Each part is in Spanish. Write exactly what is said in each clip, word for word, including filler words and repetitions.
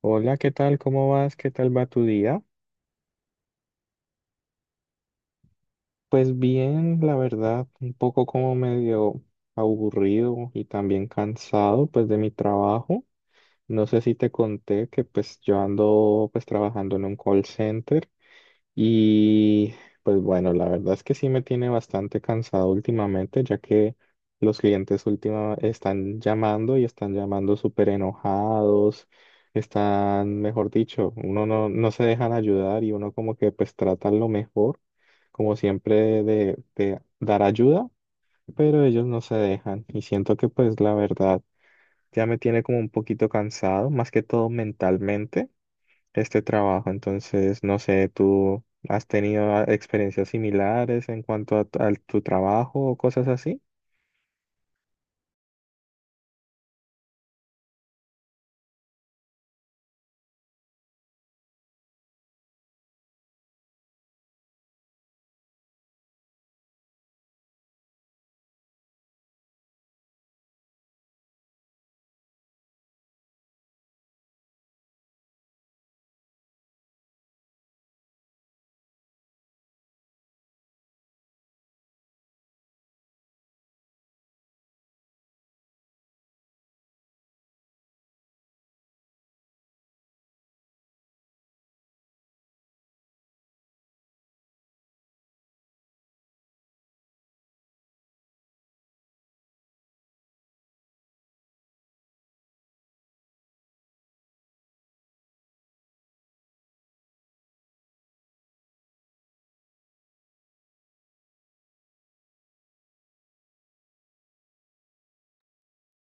Hola, ¿qué tal? ¿Cómo vas? ¿Qué tal va tu día? Pues bien, la verdad, un poco como medio aburrido y también cansado pues de mi trabajo. No sé si te conté que pues yo ando pues trabajando en un call center. Y pues bueno, la verdad es que sí me tiene bastante cansado últimamente, ya que los clientes última están llamando y están llamando súper enojados, están, mejor dicho, uno no, no se dejan ayudar y uno como que pues trata lo mejor, como siempre de, de dar ayuda, pero ellos no se dejan y siento que pues la verdad ya me tiene como un poquito cansado, más que todo mentalmente este trabajo. Entonces, no sé, ¿tú has tenido ah, experiencias similares en cuanto a, tu- a tu trabajo o cosas así?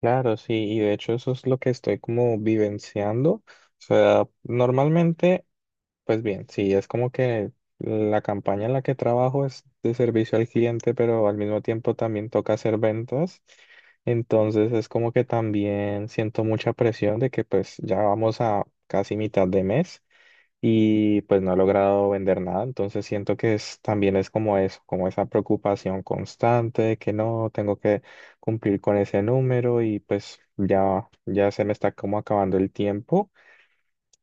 Claro, sí, y de hecho eso es lo que estoy como vivenciando. O sea, normalmente, pues bien, sí, es como que la campaña en la que trabajo es de servicio al cliente, pero al mismo tiempo también toca hacer ventas. Entonces es como que también siento mucha presión de que pues ya vamos a casi mitad de mes. Y pues no he logrado vender nada, entonces siento que es, también es como eso, como esa preocupación constante de que no, tengo que cumplir con ese número y pues ya, ya se me está como acabando el tiempo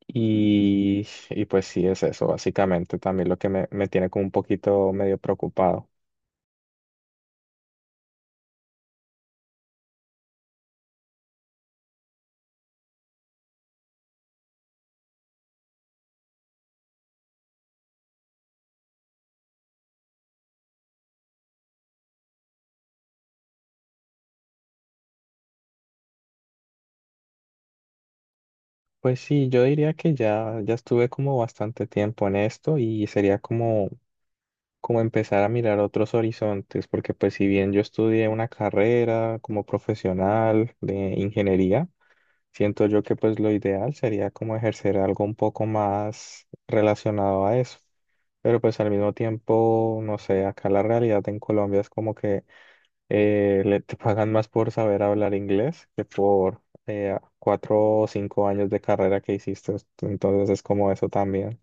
y, y pues sí es eso, básicamente también lo que me, me tiene como un poquito medio preocupado. Pues sí, yo diría que ya, ya estuve como bastante tiempo en esto y sería como como empezar a mirar otros horizontes, porque pues si bien yo estudié una carrera como profesional de ingeniería, siento yo que pues lo ideal sería como ejercer algo un poco más relacionado a eso. Pero pues al mismo tiempo, no sé, acá la realidad en Colombia es como que eh, le, te pagan más por saber hablar inglés que por eh, cuatro o cinco años de carrera que hiciste. Entonces es como eso también.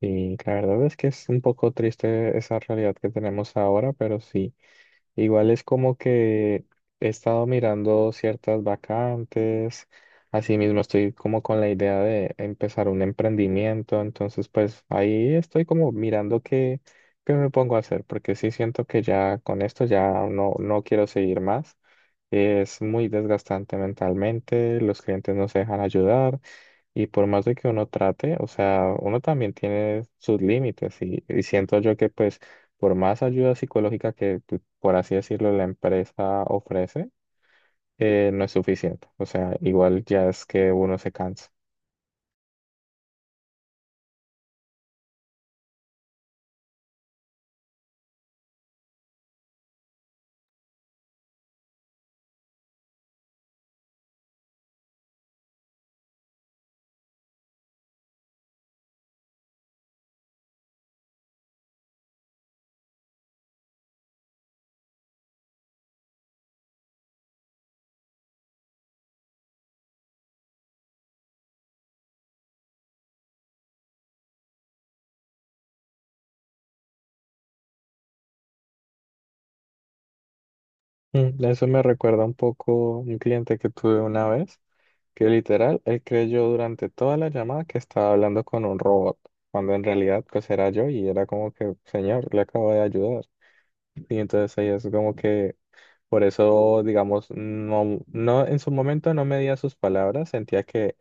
Y la verdad es que es un poco triste esa realidad que tenemos ahora, pero sí, igual es como que he estado mirando ciertas vacantes, asimismo estoy como con la idea de empezar un emprendimiento, entonces pues ahí estoy como mirando qué, qué me pongo a hacer, porque sí siento que ya con esto ya no, no quiero seguir más, es muy desgastante mentalmente, los clientes no se dejan ayudar. Y por más de que uno trate, o sea, uno también tiene sus límites y, y siento yo que pues por más ayuda psicológica que, pues, por así decirlo, la empresa ofrece, eh, no es suficiente. O sea, igual ya es que uno se cansa. Mm, eso me recuerda un poco un cliente que tuve una vez, que literal, él creyó durante toda la llamada que estaba hablando con un robot, cuando en realidad pues era yo y era como que, señor, le acabo de ayudar. Y entonces ahí es como que... Por eso, digamos, no, no, en su momento no medía sus palabras, sentía que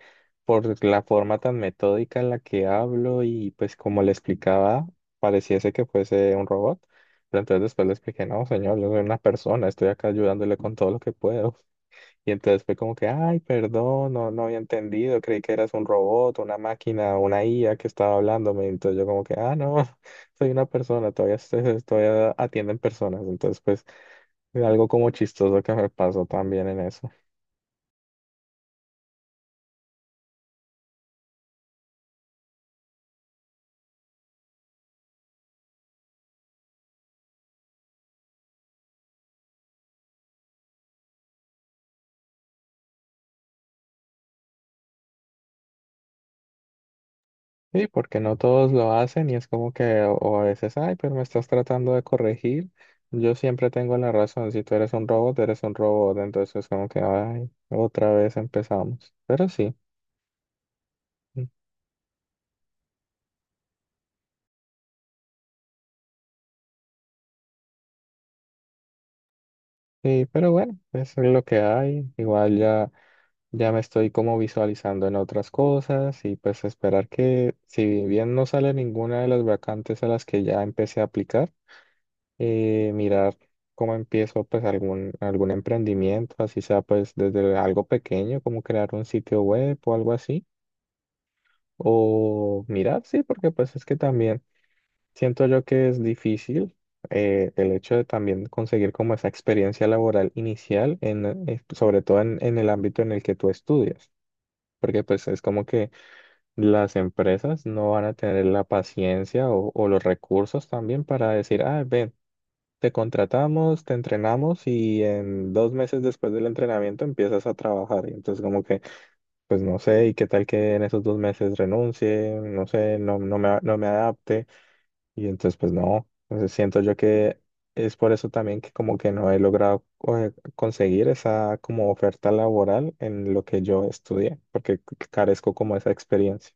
por la forma tan metódica en la que hablo y pues como le explicaba, pareciese que fuese un robot, pero entonces después le expliqué, no, señor, yo soy una persona, estoy acá ayudándole con todo lo que puedo. Y entonces fue como que, ay, perdón, no, no había entendido, creí que eras un robot, una máquina, una I A que estaba hablándome. Entonces yo como que, ah, no, soy una persona, todavía, estoy- todavía atienden personas. Entonces, pues, algo como chistoso que me pasó también en eso. Sí, porque no todos lo hacen y es como que, o o a veces, ay, pero me estás tratando de corregir. Yo siempre tengo la razón, si tú eres un robot, eres un robot. Entonces es como que, ay, otra vez empezamos. Pero sí. Sí, pero bueno, eso es lo que hay. Igual ya, ya me estoy como visualizando en otras cosas y pues esperar que si bien no sale ninguna de las vacantes a las que ya empecé a aplicar, eh, mirar cómo empiezo pues algún, algún emprendimiento, así sea pues desde algo pequeño, como crear un sitio web o algo así. O mirar, sí, porque pues es que también... Siento yo que es difícil eh, el hecho de también conseguir como esa experiencia laboral inicial, en, eh, sobre todo en, en el ámbito en el que tú estudias, porque pues es como que las empresas no van a tener la paciencia o, o los recursos también para decir, ah, ven, te contratamos, te entrenamos y en dos meses después del entrenamiento empiezas a trabajar. Y entonces como que, pues no sé, ¿y qué tal que en esos dos meses renuncie? No sé, no, no me, no me adapte. Y entonces, pues no, entonces siento yo que es por eso también que como que no he logrado co- eh, conseguir esa como oferta laboral en lo que yo estudié, porque c- carezco como esa experiencia.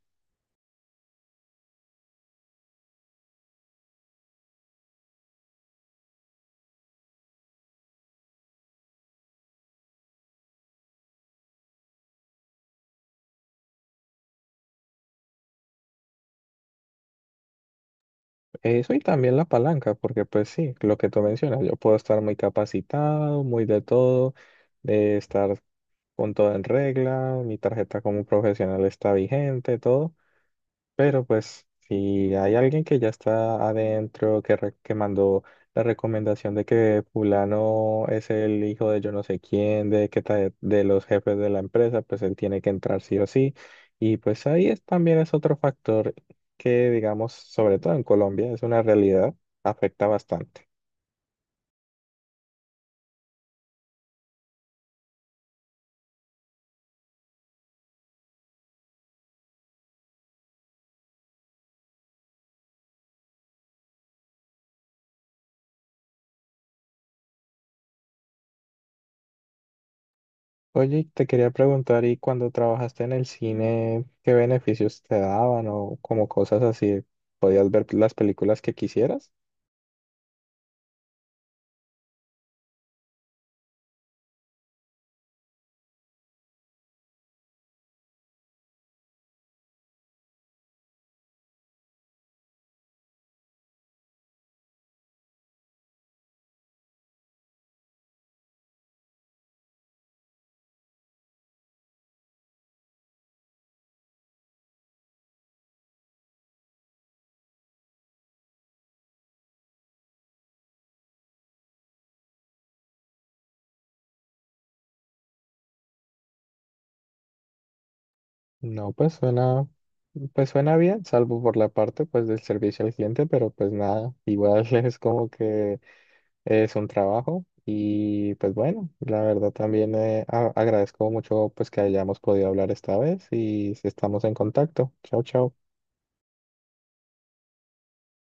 Eso y también la palanca, porque pues sí, lo que tú mencionas, yo puedo estar muy capacitado, muy de todo, de estar con todo en regla, mi tarjeta como profesional está vigente, todo. Pero pues si hay alguien que ya está adentro, que, re- que mandó la recomendación de que fulano es el hijo de yo no sé quién, de, que ta- de los jefes de la empresa, pues él tiene que entrar sí o sí. Y pues ahí es, también es otro factor que, digamos, sobre todo en Colombia, es una realidad, afecta bastante. Oye, y te quería preguntar, ¿y cuando trabajaste en el cine, qué beneficios te daban o como cosas así? ¿Podías ver las películas que quisieras? No, pues suena, pues suena bien, salvo por la parte pues del servicio al cliente, pero pues nada, igual es como que es un trabajo y pues bueno, la verdad también eh, a- agradezco mucho pues que hayamos podido hablar esta vez y estamos en contacto. Chao, chao.